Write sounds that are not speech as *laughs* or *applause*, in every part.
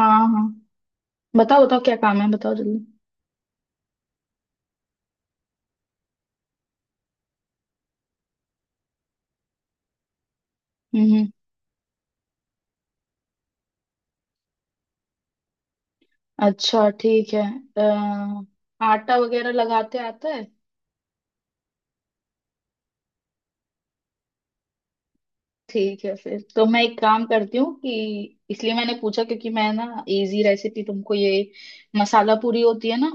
हाँ। हाँ, बताओ बताओ क्या काम है, बताओ जल्दी। हम्म। अच्छा, ठीक है। आटा वगैरह लगाते आता है? ठीक है, फिर तो मैं एक काम करती हूँ कि इसलिए मैंने पूछा, क्योंकि मैं ना, इजी रेसिपी तुमको ये मसाला पूरी होती है ना,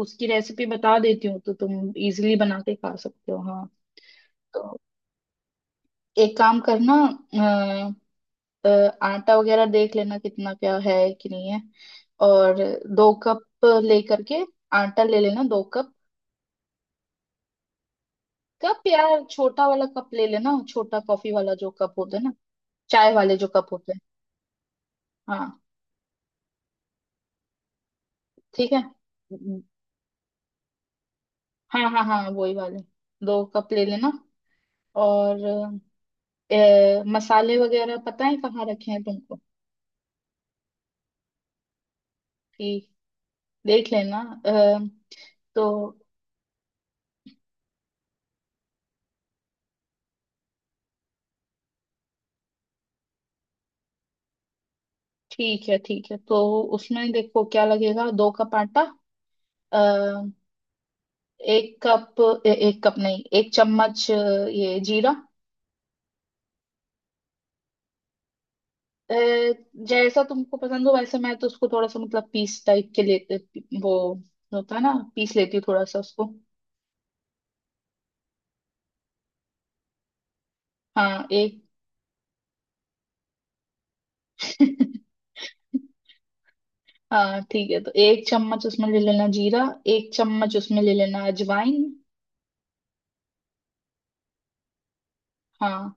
उसकी रेसिपी बता देती हूँ, तो तुम इजीली बना के खा सकते हो। हाँ। तो एक काम करना। अ, आटा वगैरह देख लेना कितना क्या है, कि नहीं है। और 2 कप लेकर के आटा ले लेना, 2 कप। कप यार छोटा वाला कप ले लेना, छोटा कॉफी वाला जो कप होता है ना, चाय वाले जो कप होते हैं। हाँ ठीक है। हाँ हाँ हाँ वही वाले। 2 कप ले लेना। और मसाले वगैरह पता है कहाँ रखे हैं तुमको? कि देख लेना। अ, तो ठीक है, ठीक है। तो उसमें देखो क्या लगेगा। 2 कप आटा। 1 कप, 1 कप नहीं, 1 चम्मच। ये जीरा। अ, जैसा तुमको पसंद हो वैसे। मैं तो उसको थोड़ा सा मतलब पीस टाइप के लेते वो होता है ना, पीस लेती हूँ थोड़ा सा उसको। हाँ एक। *laughs* हाँ ठीक है। तो 1 चम्मच उसमें ले लेना जीरा। 1 चम्मच उसमें ले लेना अजवाइन। हाँ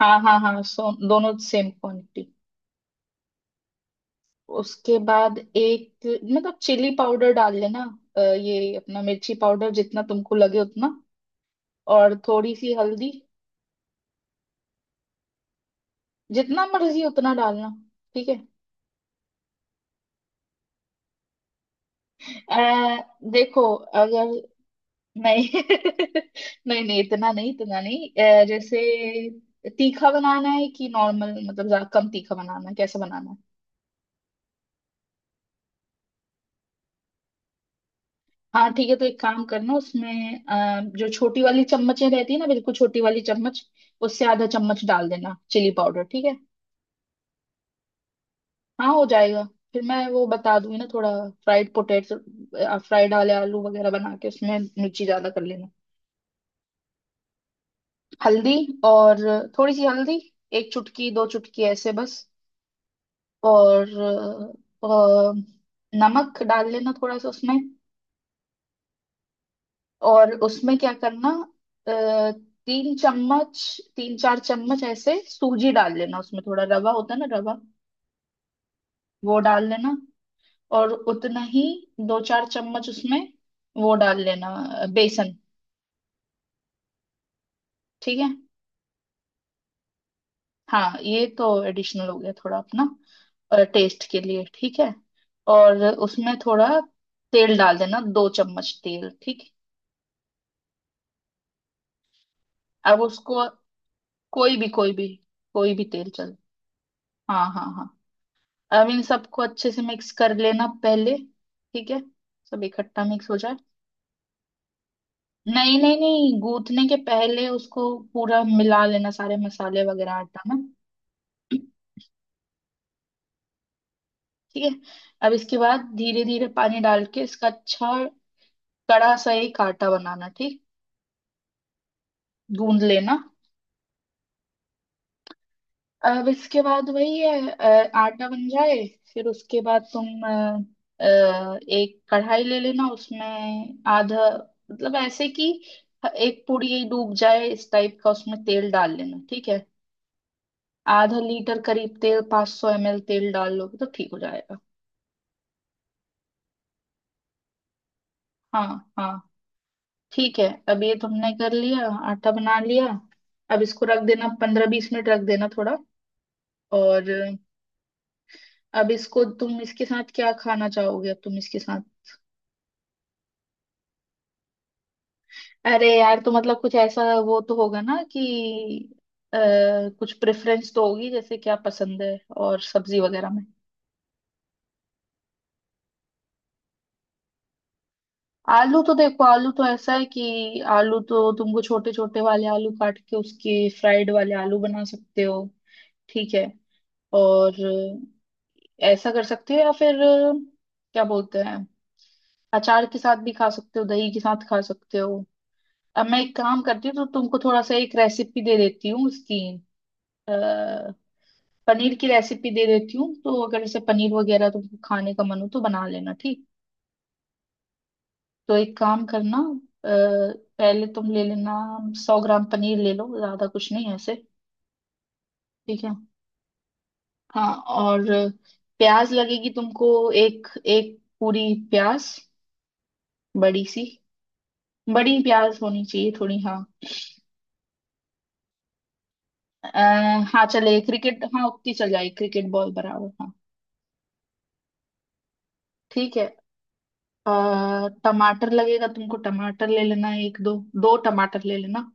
हाँ हाँ हाँ, सो दोनों सेम क्वांटिटी। उसके बाद एक मतलब चिली पाउडर डाल लेना। ये अपना मिर्ची पाउडर जितना तुमको लगे उतना। और थोड़ी सी हल्दी। जितना मर्जी उतना डालना। ठीक है। अ, देखो अगर, नहीं *laughs* नहीं नहीं, इतना नहीं, इतना नहीं। जैसे तीखा बनाना है कि नॉर्मल, मतलब ज्यादा कम तीखा बनाना है, कैसे बनाना है? हाँ ठीक है। तो एक काम करना, उसमें जो छोटी वाली चम्मचें रहती है ना, बिल्कुल छोटी वाली चम्मच उससे ½ चम्मच डाल देना चिली पाउडर। ठीक है। हाँ हो जाएगा। फिर मैं वो बता दूंगी ना, थोड़ा फ्राइड पोटेटो, फ्राइड वाले आलू वगैरह बना के उसमें मिर्ची ज्यादा कर लेना। हल्दी। और थोड़ी सी हल्दी। एक चुटकी, दो चुटकी, ऐसे बस। और नमक डाल लेना थोड़ा सा उसमें। और उसमें क्या करना। अ, 3 चम्मच, 3-4 चम्मच ऐसे सूजी डाल लेना। उसमें थोड़ा रवा होता है ना, रवा वो डाल लेना। और उतना ही, 2-4 चम्मच उसमें वो डाल लेना। बेसन। ठीक है। हाँ, ये तो एडिशनल हो गया, थोड़ा अपना टेस्ट के लिए। ठीक है। और उसमें थोड़ा तेल डाल देना, 2 चम्मच तेल। ठीक। अब उसको, कोई भी, कोई भी, कोई भी तेल चल। हाँ हाँ हाँ। अब इन सबको अच्छे से मिक्स कर लेना पहले। ठीक है। सब इकट्ठा मिक्स हो जाए। नहीं नहीं नहीं, गूथने के पहले उसको पूरा मिला लेना, सारे मसाले वगैरह आटा में। ठीक है। अब इसके बाद धीरे धीरे पानी डाल के इसका अच्छा कड़ा सा एक आटा बनाना। ठीक। गूंद लेना। अब इसके बाद वही है, आटा बन जाए फिर उसके बाद तुम, एक कढ़ाई ले लेना। उसमें आधा, मतलब ऐसे कि एक पूरी डूब जाए इस टाइप का उसमें तेल डाल लेना। ठीक है। ½ लीटर करीब तेल, 500 सौ एम एल तेल डाल लोगे तो ठीक हो जाएगा। हाँ हाँ ठीक है। अब ये तुमने कर लिया, आटा बना लिया। अब इसको रख देना, 15-20 मिनट रख देना थोड़ा। और अब इसको तुम इसके साथ क्या खाना चाहोगे? अब तुम इसके साथ, अरे यार, तो मतलब कुछ ऐसा वो तो होगा ना कि, आ, कुछ प्रेफरेंस तो होगी, जैसे क्या पसंद है और सब्जी वगैरह में। आलू तो देखो, आलू तो ऐसा है कि आलू तो तुमको छोटे छोटे वाले आलू काट के उसके फ्राइड वाले आलू बना सकते हो। ठीक है। और ऐसा कर सकते हो, या फिर क्या बोलते हैं, अचार के साथ भी खा सकते हो, दही के साथ खा सकते हो। अब मैं एक काम करती हूँ, तो तुमको थोड़ा सा एक रेसिपी दे देती हूँ इसकी। पनीर की रेसिपी दे देती हूँ, तो अगर जैसे पनीर वगैरह तुमको खाने का मन हो तो बना लेना। ठीक। तो एक काम करना। अ, पहले तुम ले लेना 100 ग्राम पनीर, ले लो। ज्यादा कुछ नहीं है ऐसे। ठीक है। हाँ और प्याज लगेगी तुमको, एक एक पूरी प्याज। बड़ी सी, बड़ी प्याज होनी चाहिए थोड़ी। हाँ। अ, हाँ चले क्रिकेट, हाँ उतनी चल जाएगी, क्रिकेट बॉल बराबर। हाँ ठीक है। टमाटर लगेगा तुमको, टमाटर ले लेना एक दो, दो टमाटर ले लेना।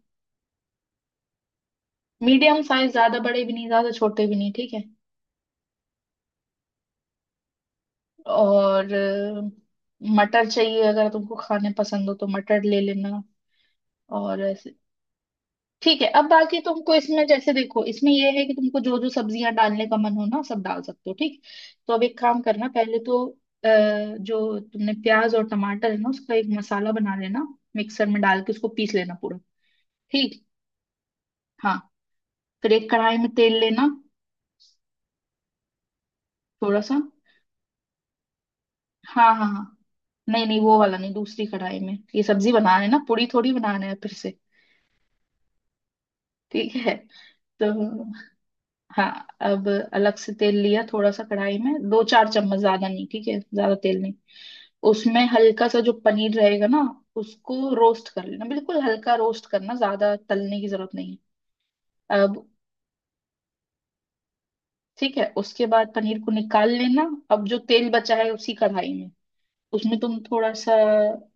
मीडियम साइज, ज्यादा बड़े भी नहीं, ज्यादा छोटे भी नहीं। ठीक है। और मटर चाहिए अगर तुमको खाने पसंद हो तो मटर ले लेना। और ऐसे, ठीक है। अब बाकी तुमको इसमें, जैसे देखो इसमें ये है कि तुमको जो जो सब्जियां डालने का मन हो ना, सब डाल सकते हो। ठीक। तो अब एक काम करना, पहले तो जो तुमने प्याज और टमाटर है ना, उसका एक मसाला बना लेना। मिक्सर में डाल के उसको पीस लेना पूरा। ठीक। हाँ। फिर एक कढ़ाई में तेल लेना, थोड़ा सा। हाँ हाँ हाँ। नहीं नहीं, वो वाला नहीं, दूसरी कढ़ाई में ये सब्जी बनाना है ना, पूड़ी थोड़ी बनाना है फिर से। ठीक है। तो हाँ, अब अलग से तेल लिया थोड़ा सा कढ़ाई में, 2-4 चम्मच, ज्यादा नहीं। ठीक है, ज्यादा तेल नहीं। उसमें हल्का सा जो पनीर रहेगा ना, उसको रोस्ट कर लेना, बिल्कुल हल्का रोस्ट करना, ज्यादा तलने की जरूरत नहीं है। अब ठीक है, उसके बाद पनीर को निकाल लेना। अब जो तेल बचा है उसी कढ़ाई में, उसमें तुम थोड़ा सा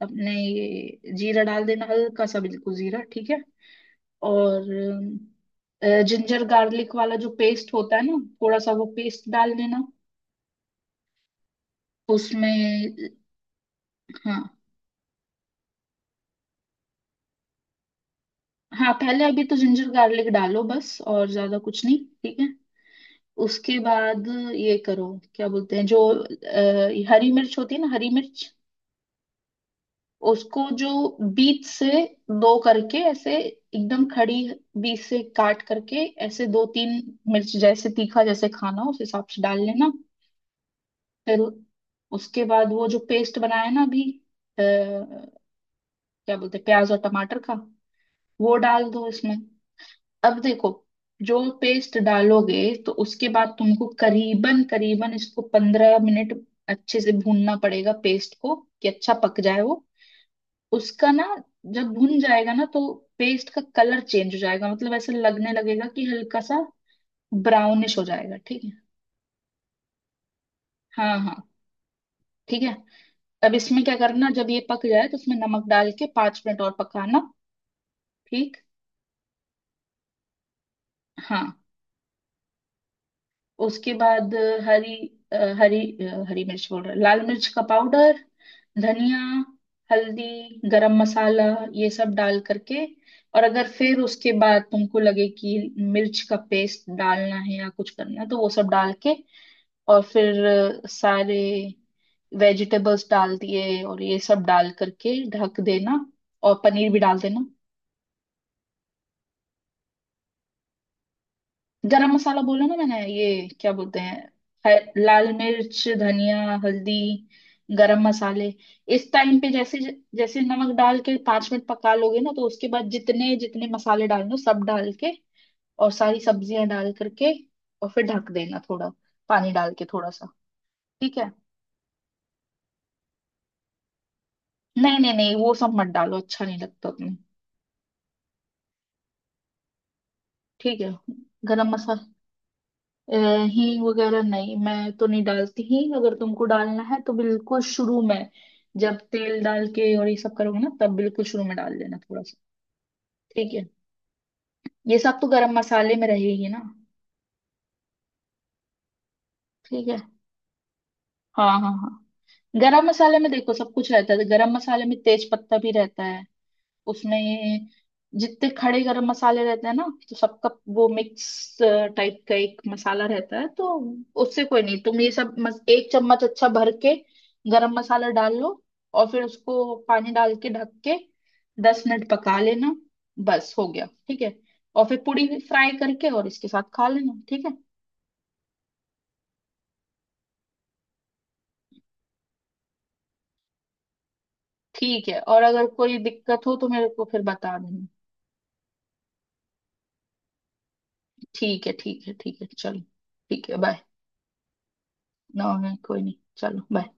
अपने ये जीरा डाल देना, हल्का सा बिल्कुल जीरा। ठीक है। और जिंजर गार्लिक वाला जो पेस्ट होता है ना, थोड़ा सा वो पेस्ट डाल देना उसमें। हाँ हाँ, पहले अभी तो जिंजर गार्लिक डालो बस, और ज्यादा कुछ नहीं। ठीक है। उसके बाद ये करो, क्या बोलते हैं, जो हरी मिर्च होती है ना, हरी मिर्च उसको जो बीच से दो करके ऐसे एकदम खड़ी, बीच से काट करके ऐसे दो तीन मिर्च, जैसे तीखा जैसे खाना हो, उस हिसाब से डाल लेना। फिर उसके बाद वो जो पेस्ट बनाया ना अभी, क्या बोलते हैं, प्याज और टमाटर का, वो डाल दो इसमें। अब देखो, जो पेस्ट डालोगे तो उसके बाद तुमको करीबन करीबन इसको 15 मिनट अच्छे से भूनना पड़ेगा पेस्ट को, कि अच्छा पक जाए वो। उसका ना जब भुन जाएगा ना, तो पेस्ट का कलर चेंज हो जाएगा, मतलब ऐसे लगने लगेगा कि हल्का सा ब्राउनिश हो जाएगा। ठीक है। हाँ हाँ ठीक है। अब इसमें क्या करना, जब ये पक जाए तो इसमें नमक डाल के 5 मिनट और पकाना। ठीक। हाँ उसके बाद अ, हरी हरी मिर्च बोल रहा, लाल मिर्च का पाउडर, धनिया, हल्दी, गरम मसाला, ये सब डाल करके। और अगर फिर उसके बाद तुमको लगे कि मिर्च का पेस्ट डालना है या कुछ करना है तो वो सब डाल के, और फिर सारे वेजिटेबल्स डाल दिए, और ये सब डाल करके ढक देना और पनीर भी डाल देना। गरम मसाला बोला ना मैंने, ये क्या बोलते हैं, लाल मिर्च, धनिया, हल्दी, गरम मसाले इस टाइम पे। जैसे, जैसे नमक डाल के पांच मिनट पका लोगे ना, तो उसके बाद जितने जितने मसाले डालने हो, सब डाल के और सारी सब्जियां डाल करके, और फिर ढक देना थोड़ा, पानी डाल के थोड़ा सा। ठीक है। नहीं नहीं नहीं, वो सब मत डालो, अच्छा नहीं लगता तुम्हें। ठीक है। गरम मसाला। अ, हींग वगैरह नहीं, मैं तो नहीं डालती हींग। अगर तुमको डालना है तो बिल्कुल शुरू में, जब तेल डाल के और ये सब करोगे ना, तब बिल्कुल शुरू में डाल देना थोड़ा सा। ठीक है। ये सब तो गरम मसाले में रहेगी ना। ठीक है। हाँ हाँ हाँ। गरम मसाले में देखो सब कुछ रहता है, गरम मसाले में तेज पत्ता भी रहता है उसमें। जितने खड़े गरम मसाले रहते हैं ना, तो सबका वो मिक्स टाइप का एक मसाला रहता है। तो उससे कोई नहीं, तुम ये सब 1 चम्मच अच्छा भर के गरम मसाला डाल लो। और फिर उसको पानी डाल के, ढक के, 10 मिनट पका लेना। बस, हो गया। ठीक है। और फिर पूरी फ्राई करके और इसके साथ खा लेना। ठीक है। ठीक है, और अगर कोई दिक्कत हो तो मेरे को फिर बता देना। ठीक है, ठीक है, ठीक है, चलो। ठीक है, बाय। ना, कोई नहीं, चलो बाय।